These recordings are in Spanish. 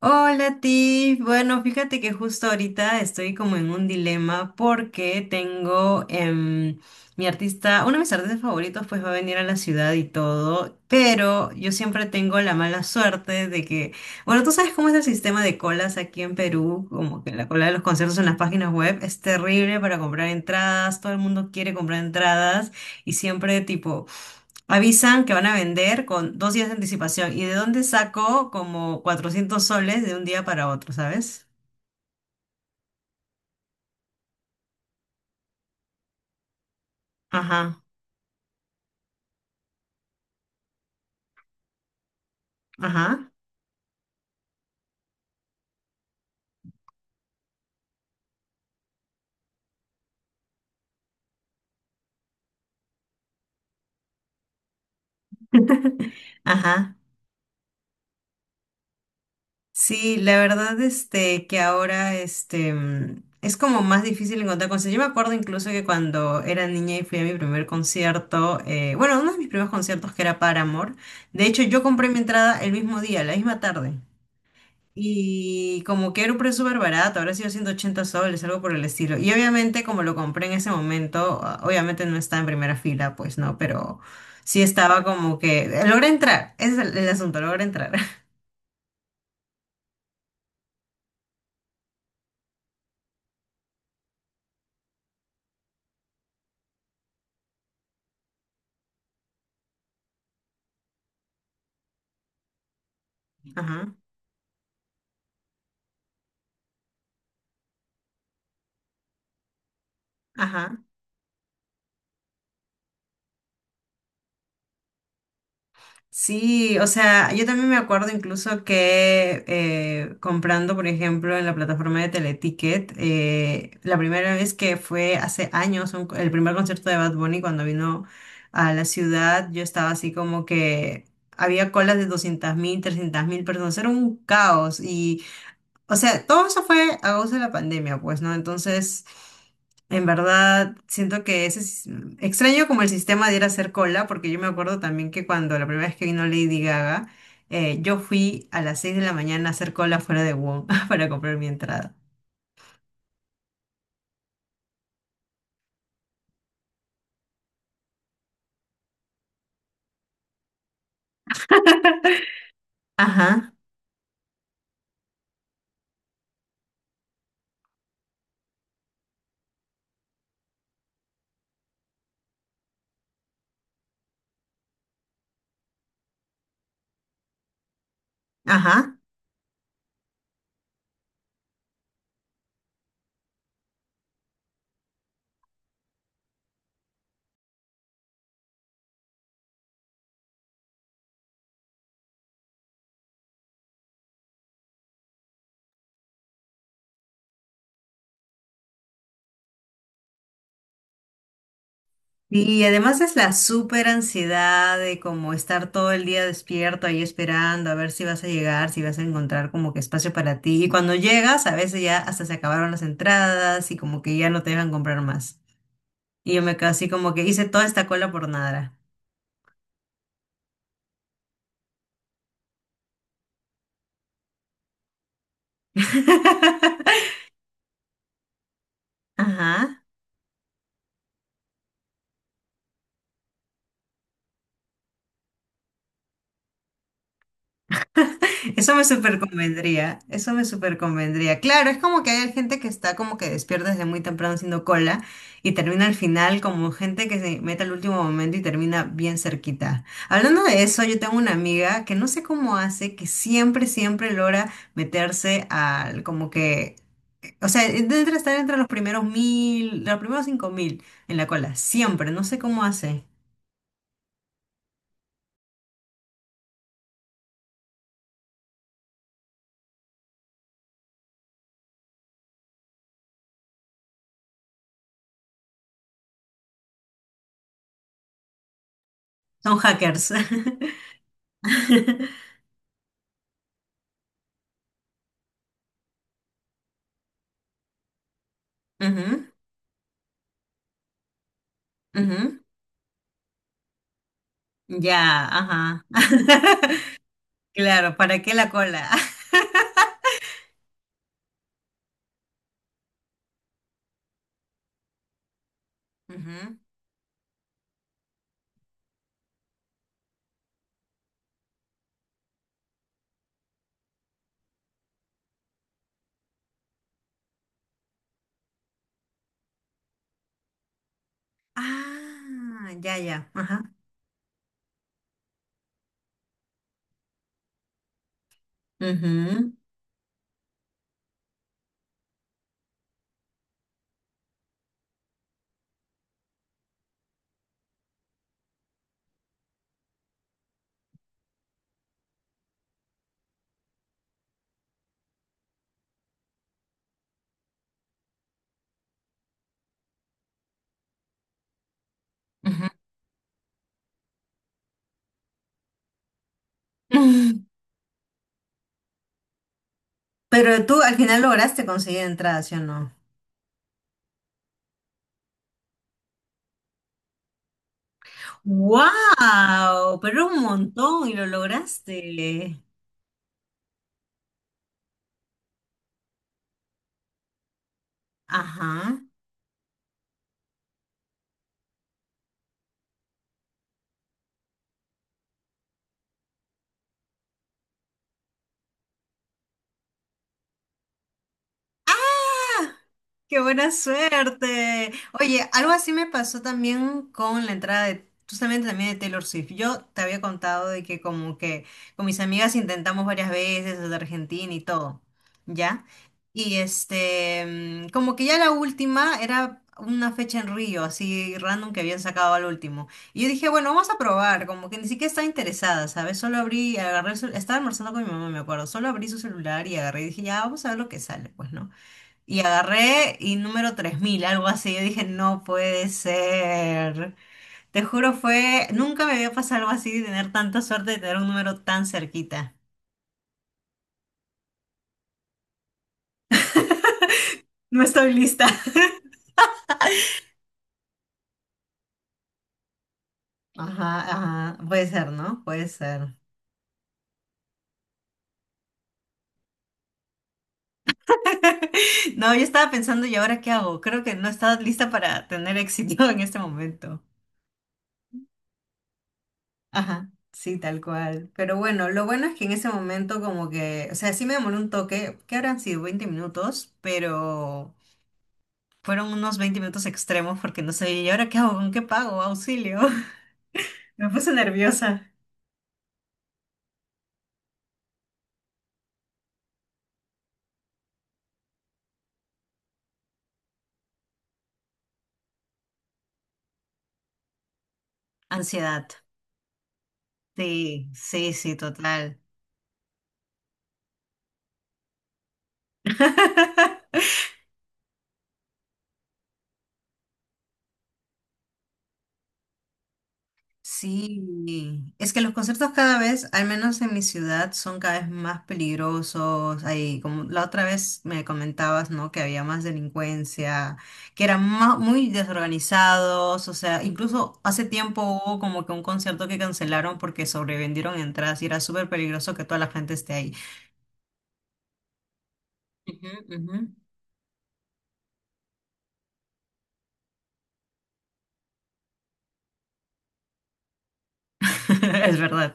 Hola Tiff, bueno, fíjate que justo ahorita estoy como en un dilema porque tengo mi artista, uno de mis artistas favoritos pues va a venir a la ciudad y todo, pero yo siempre tengo la mala suerte de que, bueno, tú sabes cómo es el sistema de colas aquí en Perú, como que la cola de los conciertos en las páginas web es terrible para comprar entradas, todo el mundo quiere comprar entradas y siempre tipo... Avisan que van a vender con 2 días de anticipación. ¿Y de dónde saco como 400 soles de un día para otro, sabes? Ajá, ajá, ajá. Sí, la verdad, este, que ahora, este, es como más difícil encontrar conciertos. Yo me acuerdo incluso que cuando era niña y fui a mi primer concierto, bueno, uno de mis primeros conciertos que era Paramore, de hecho yo compré mi entrada el mismo día, la misma tarde. Y como que era un precio súper barato, habrá sido 180 soles, algo por el estilo. Y obviamente como lo compré en ese momento, obviamente no estaba en primera fila, pues no, pero sí estaba como que... Logré entrar, ese es el asunto, logré entrar. Ajá, ajá. Sí, o sea, yo también me acuerdo incluso que comprando, por ejemplo, en la plataforma de Teleticket, la primera vez que fue hace años, el primer concierto de Bad Bunny cuando vino a la ciudad, yo estaba así como que había colas de 200.000, 300.000 personas, era un caos, o sea, todo eso fue a causa de la pandemia, pues, ¿no? Entonces, en verdad, siento que ese es extraño como el sistema de ir a hacer cola, porque yo me acuerdo también que cuando la primera vez que vino Lady Gaga, yo fui a las 6 de la mañana a hacer cola fuera de Wong para comprar mi entrada. Ajá, ajá. Y además es la súper ansiedad de como estar todo el día despierto ahí esperando a ver si vas a llegar, si vas a encontrar como que espacio para ti. Y cuando llegas, a veces ya hasta se acabaron las entradas y como que ya no te dejan comprar más. Y yo me quedo así como que hice toda esta cola por nada. Ajá. Eso me súper convendría, eso me súper convendría. Claro, es como que hay gente que está como que despierta desde muy temprano haciendo cola y termina al final como gente que se mete al último momento y termina bien cerquita. Hablando de eso, yo tengo una amiga que no sé cómo hace, que siempre, siempre logra meterse al como que, o sea, debe estar entre los primeros 1.000, los primeros 5.000 en la cola, siempre, no sé cómo hace. Son hackers. Ujú, ujú. Ya, ajá. Claro, ¿para qué la cola? Ujú. Ah, ya, ya, ajá. Ujú, ujú. Mm. Pero tú al final lograste conseguir entrada, ¿sí o no? ¡Wow! Pero un montón y lo lograste. Ajá. ¡Qué buena suerte! Oye, algo así me pasó también con la entrada de, justamente también de Taylor Swift. Yo te había contado de que como que con mis amigas intentamos varias veces desde Argentina y todo, ¿ya? Y este, como que ya la última era una fecha en Río, así random que habían sacado al último. Y yo dije, bueno, vamos a probar, como que ni siquiera estaba interesada, ¿sabes? Solo abrí, agarré estaba almorzando con mi mamá, me acuerdo, solo abrí su celular y agarré y dije, ya, vamos a ver lo que sale, pues, ¿no? Y agarré y número 3.000 algo así. Yo dije, no puede ser. Te juro, fue. Nunca me había pasado algo así de tener tanta suerte de tener un número tan cerquita. No estoy lista. Ajá, ajá. Puede ser, ¿no? Puede ser. No, yo estaba pensando, ¿y ahora qué hago? Creo que no estaba lista para tener éxito en este momento. Ajá, sí, tal cual. Pero bueno, lo bueno es que en ese momento como que, o sea, sí me demoré un toque, que habrán sido 20 minutos, pero fueron unos 20 minutos extremos porque no sé, ¿y ahora qué hago? ¿Con qué pago? Auxilio. Me puse nerviosa. Ansiedad. Sí, sí, sí, total. Sí, es que los conciertos cada vez, al menos en mi ciudad, son cada vez más peligrosos. Ahí, como la otra vez me comentabas, ¿no? Que había más delincuencia, que eran muy desorganizados. O sea, incluso hace tiempo hubo como que un concierto que cancelaron porque sobrevendieron entradas y era súper peligroso que toda la gente esté ahí. Ujú, ujú. Es verdad.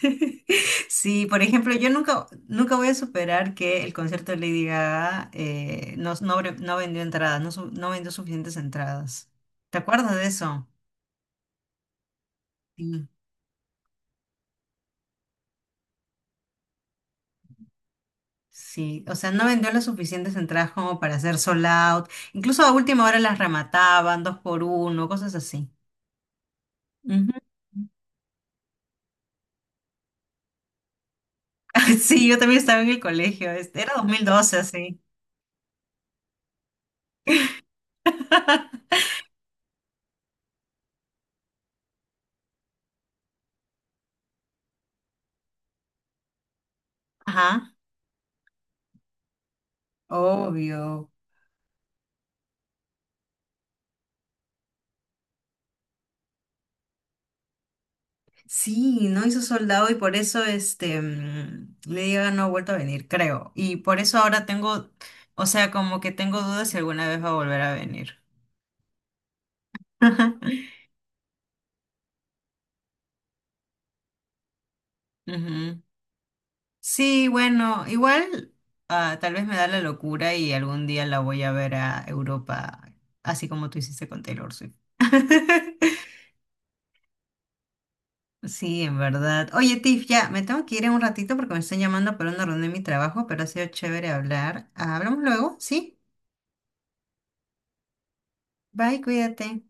Sí, por ejemplo, yo nunca, nunca voy a superar que el concierto de Lady Gaga no vendió entradas, no, no vendió suficientes entradas. ¿Te acuerdas de eso? Sí. Sí, o sea, no vendió las suficientes entradas como para hacer sold out. Incluso a última hora las remataban, dos por uno, cosas así. Ujú. Sí, yo también estaba en el colegio, este, era 2012 así. Ajá, obvio. Sí, no hizo soldado y por eso este Lady Gaga no ha vuelto a venir, creo. Y por eso ahora tengo, o sea, como que tengo dudas si alguna vez va a volver a venir. Ujú. Sí, bueno, igual tal vez me da la locura y algún día la voy a ver a Europa, así como tú hiciste con Taylor Swift. Sí, en verdad. Oye, Tiff, ya me tengo que ir en un ratito porque me están llamando por una reunión de mi trabajo, pero ha sido chévere hablar. Hablamos luego, ¿sí? Bye, cuídate.